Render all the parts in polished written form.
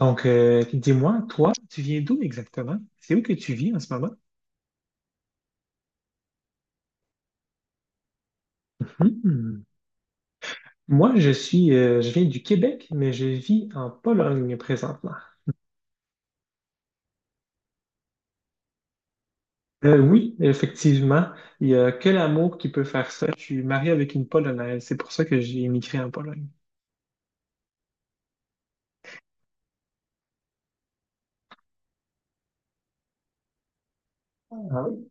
Donc, dis-moi, toi, tu viens d'où exactement? C'est où que tu vis en ce moment? Hmm. Moi, je viens du Québec, mais je vis en Pologne présentement. Oui, effectivement, il n'y a que l'amour qui peut faire ça. Je suis marié avec une Polonaise, c'est pour ça que j'ai émigré en Pologne. Ah oui.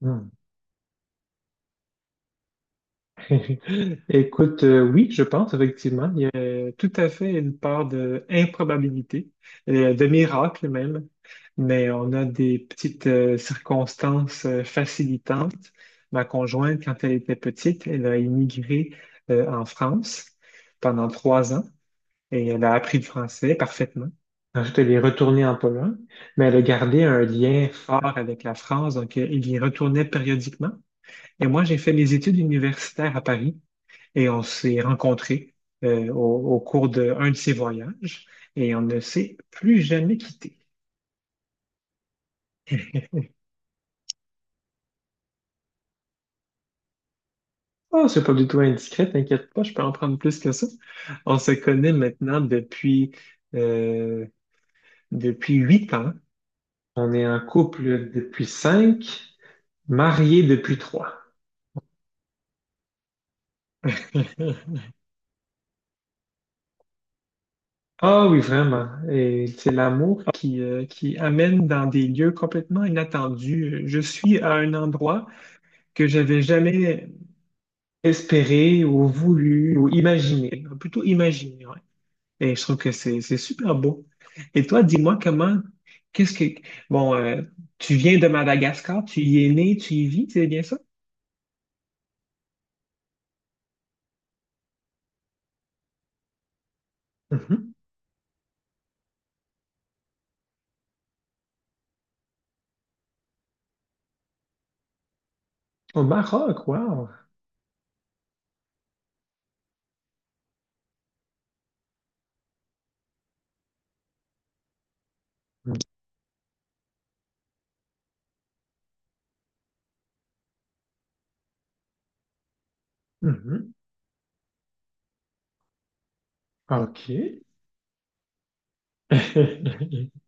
Hmm. Écoute, oui, je pense effectivement, il y a tout à fait une part de improbabilité, de miracle même, mais on a des petites circonstances facilitantes. Ma conjointe, quand elle était petite, elle a immigré en France pendant 3 ans et elle a appris le français parfaitement. Ensuite, elle est retournée en Pologne, mais elle a gardé un lien fort avec la France, donc elle y retournait périodiquement. Et moi, j'ai fait mes études universitaires à Paris et on s'est rencontrés au cours d'un de ses voyages et on ne s'est plus jamais quittés. Oh, c'est pas du tout indiscret, t'inquiète pas, je peux en prendre plus que ça. On se connaît maintenant euh, depuis 8 ans. On est en couple depuis cinq, mariés depuis trois. Ah oui, vraiment. Et c'est l'amour qui amène dans des lieux complètement inattendus. Je suis à un endroit que j'avais jamais espéré ou voulu ou imaginé, plutôt imaginé, ouais. Et je trouve que c'est super beau. Et toi, dis-moi comment, qu'est-ce que, bon, tu viens de Madagascar, tu y es né, tu y vis, c'est bien ça? Mhm. Au Maroc, wow. Mhm. OK.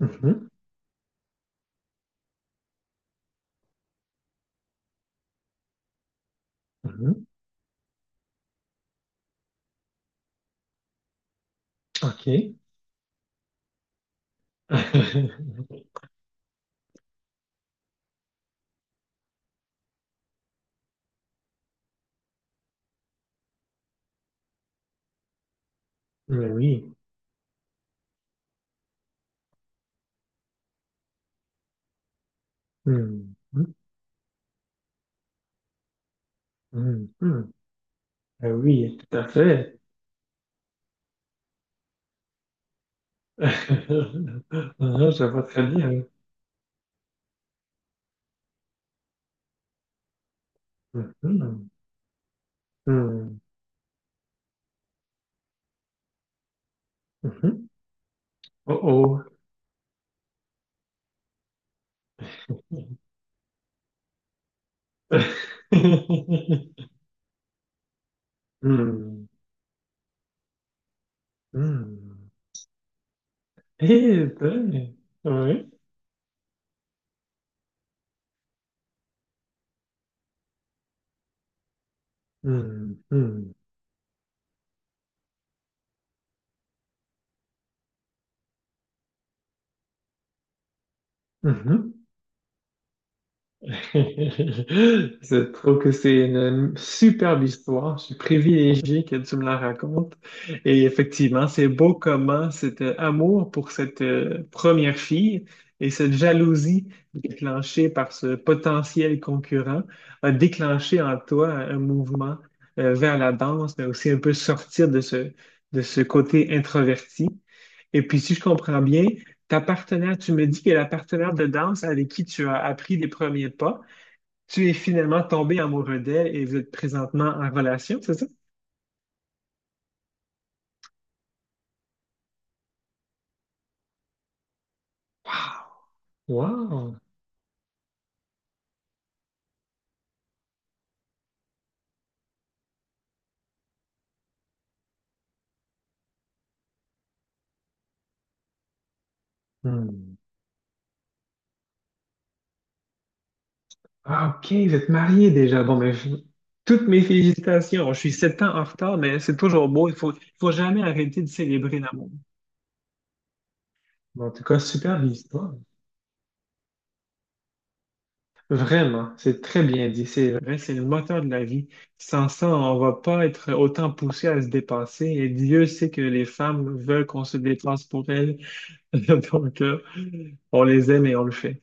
Mhm. Mhm. OK. Mais oui. Mhm. Mhm. Mhm. Eh oui, tout à fait. Mhm, je vois très bien. Mhm. Hmm. Mhm. Oh oh. Hmm. Hmm. Eh ben, ouais. Hmm. Hmm. Mhm. Je trouve que c'est une superbe histoire. Je suis privilégié que tu me la racontes. Et effectivement, c'est beau comment cet amour pour cette première fille et cette jalousie déclenchée par ce potentiel concurrent a déclenché en toi un mouvement vers la danse, mais aussi un peu sortir de ce côté introverti. Et puis, si je comprends bien, ta partenaire, tu me dis que la partenaire de danse avec qui tu as appris les premiers pas, tu es finalement tombé amoureux d'elle et vous êtes présentement en relation, c'est ça? Wow! Hmm. Ah, OK, vous êtes mariés déjà. Bon, toutes mes félicitations. Je suis 7 ans en retard, mais c'est toujours beau. Il faut jamais arrêter de célébrer l'amour. En tout cas, superbe histoire. Vraiment, c'est très bien dit. C'est vrai, c'est le moteur de la vie. Sans ça, on va pas être autant poussé à se dépasser. Et Dieu sait que les femmes veulent qu'on se dépasse pour elles. Donc, on les aime et on le fait.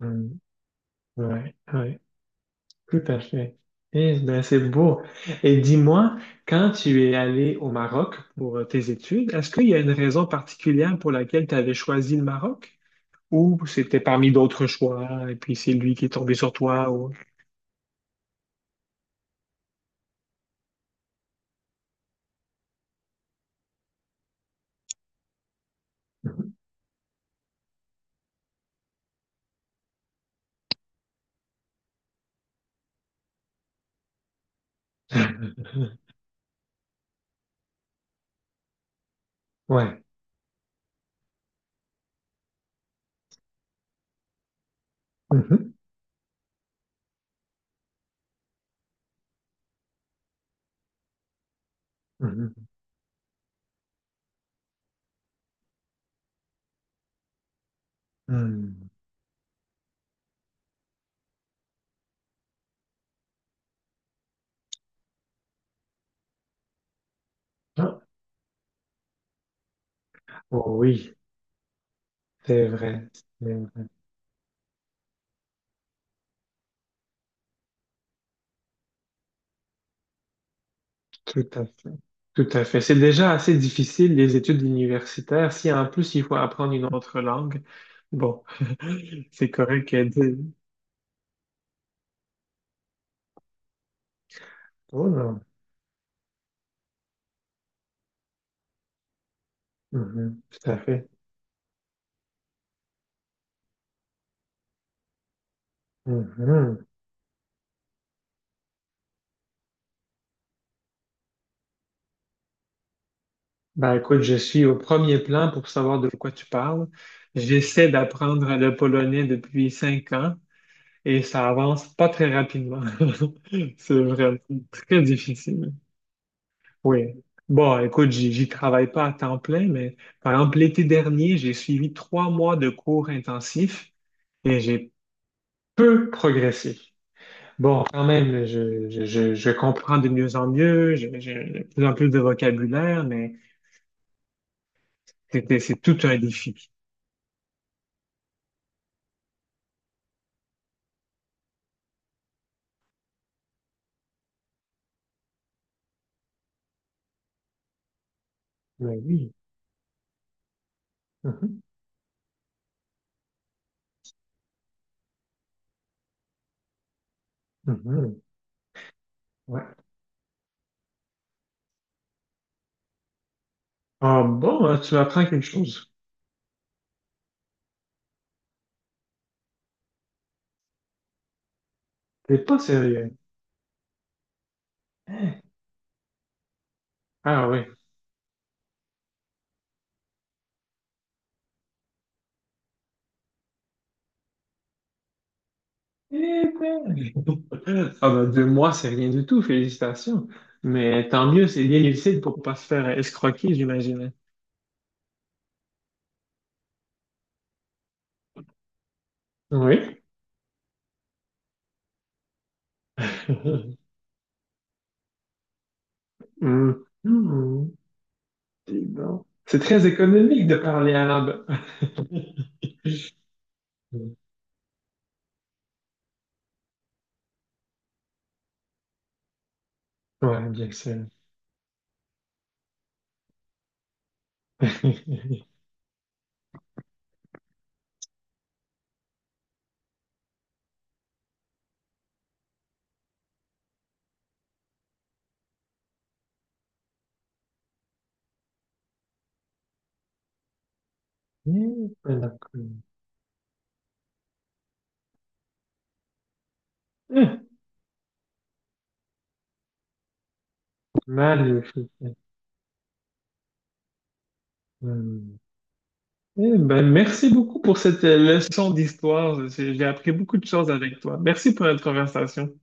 Mm, ouais, ouais, tout à fait. Eh ben, c'est beau. Et dis-moi, quand tu es allé au Maroc pour tes études, est-ce qu'il y a une raison particulière pour laquelle tu avais choisi le Maroc? Ou c'était parmi d'autres choix, et puis c'est lui qui est tombé sur toi. Ou... Ouais. Mhm, mhm, mhm. Ah, oh oui, c'est vrai. C'est vrai. Tout à fait. Tout à fait. C'est déjà assez difficile, les études universitaires. Si en plus il faut apprendre une autre langue, bon, c'est correct qu'elle dise. Oh non. Mhm, tout à fait. Mhm. Ben écoute, je suis au premier plan pour savoir de quoi tu parles. J'essaie d'apprendre le polonais depuis 5 ans. Et ça avance pas très rapidement. C'est vraiment très difficile. Oui. Bon, écoute, j'y travaille pas à temps plein, mais par exemple, l'été dernier, j'ai suivi 3 mois de cours intensifs et j'ai peu progressé. Bon, quand même, je comprends de mieux en mieux, j'ai de plus en plus de vocabulaire, mais c'est tout un défi. Mais oui. Mhm. Mhm. Ouais. Ah bon, hein, tu m'apprends quelque chose. T'es pas sérieux. Ah oui. Ah ben, 2 mois, c'est rien du tout, félicitations. Mais tant mieux, c'est bien lucide pour pas se faire escroquer, j'imagine. Oui. Hmm. Hmm. Dis donc. C'est très économique de parler arabe. Ouais, bien sûr. Hmm, hmm, magnifique. Hmm. Eh ben, merci beaucoup pour cette leçon d'histoire. J'ai appris beaucoup de choses avec toi. Merci pour notre conversation.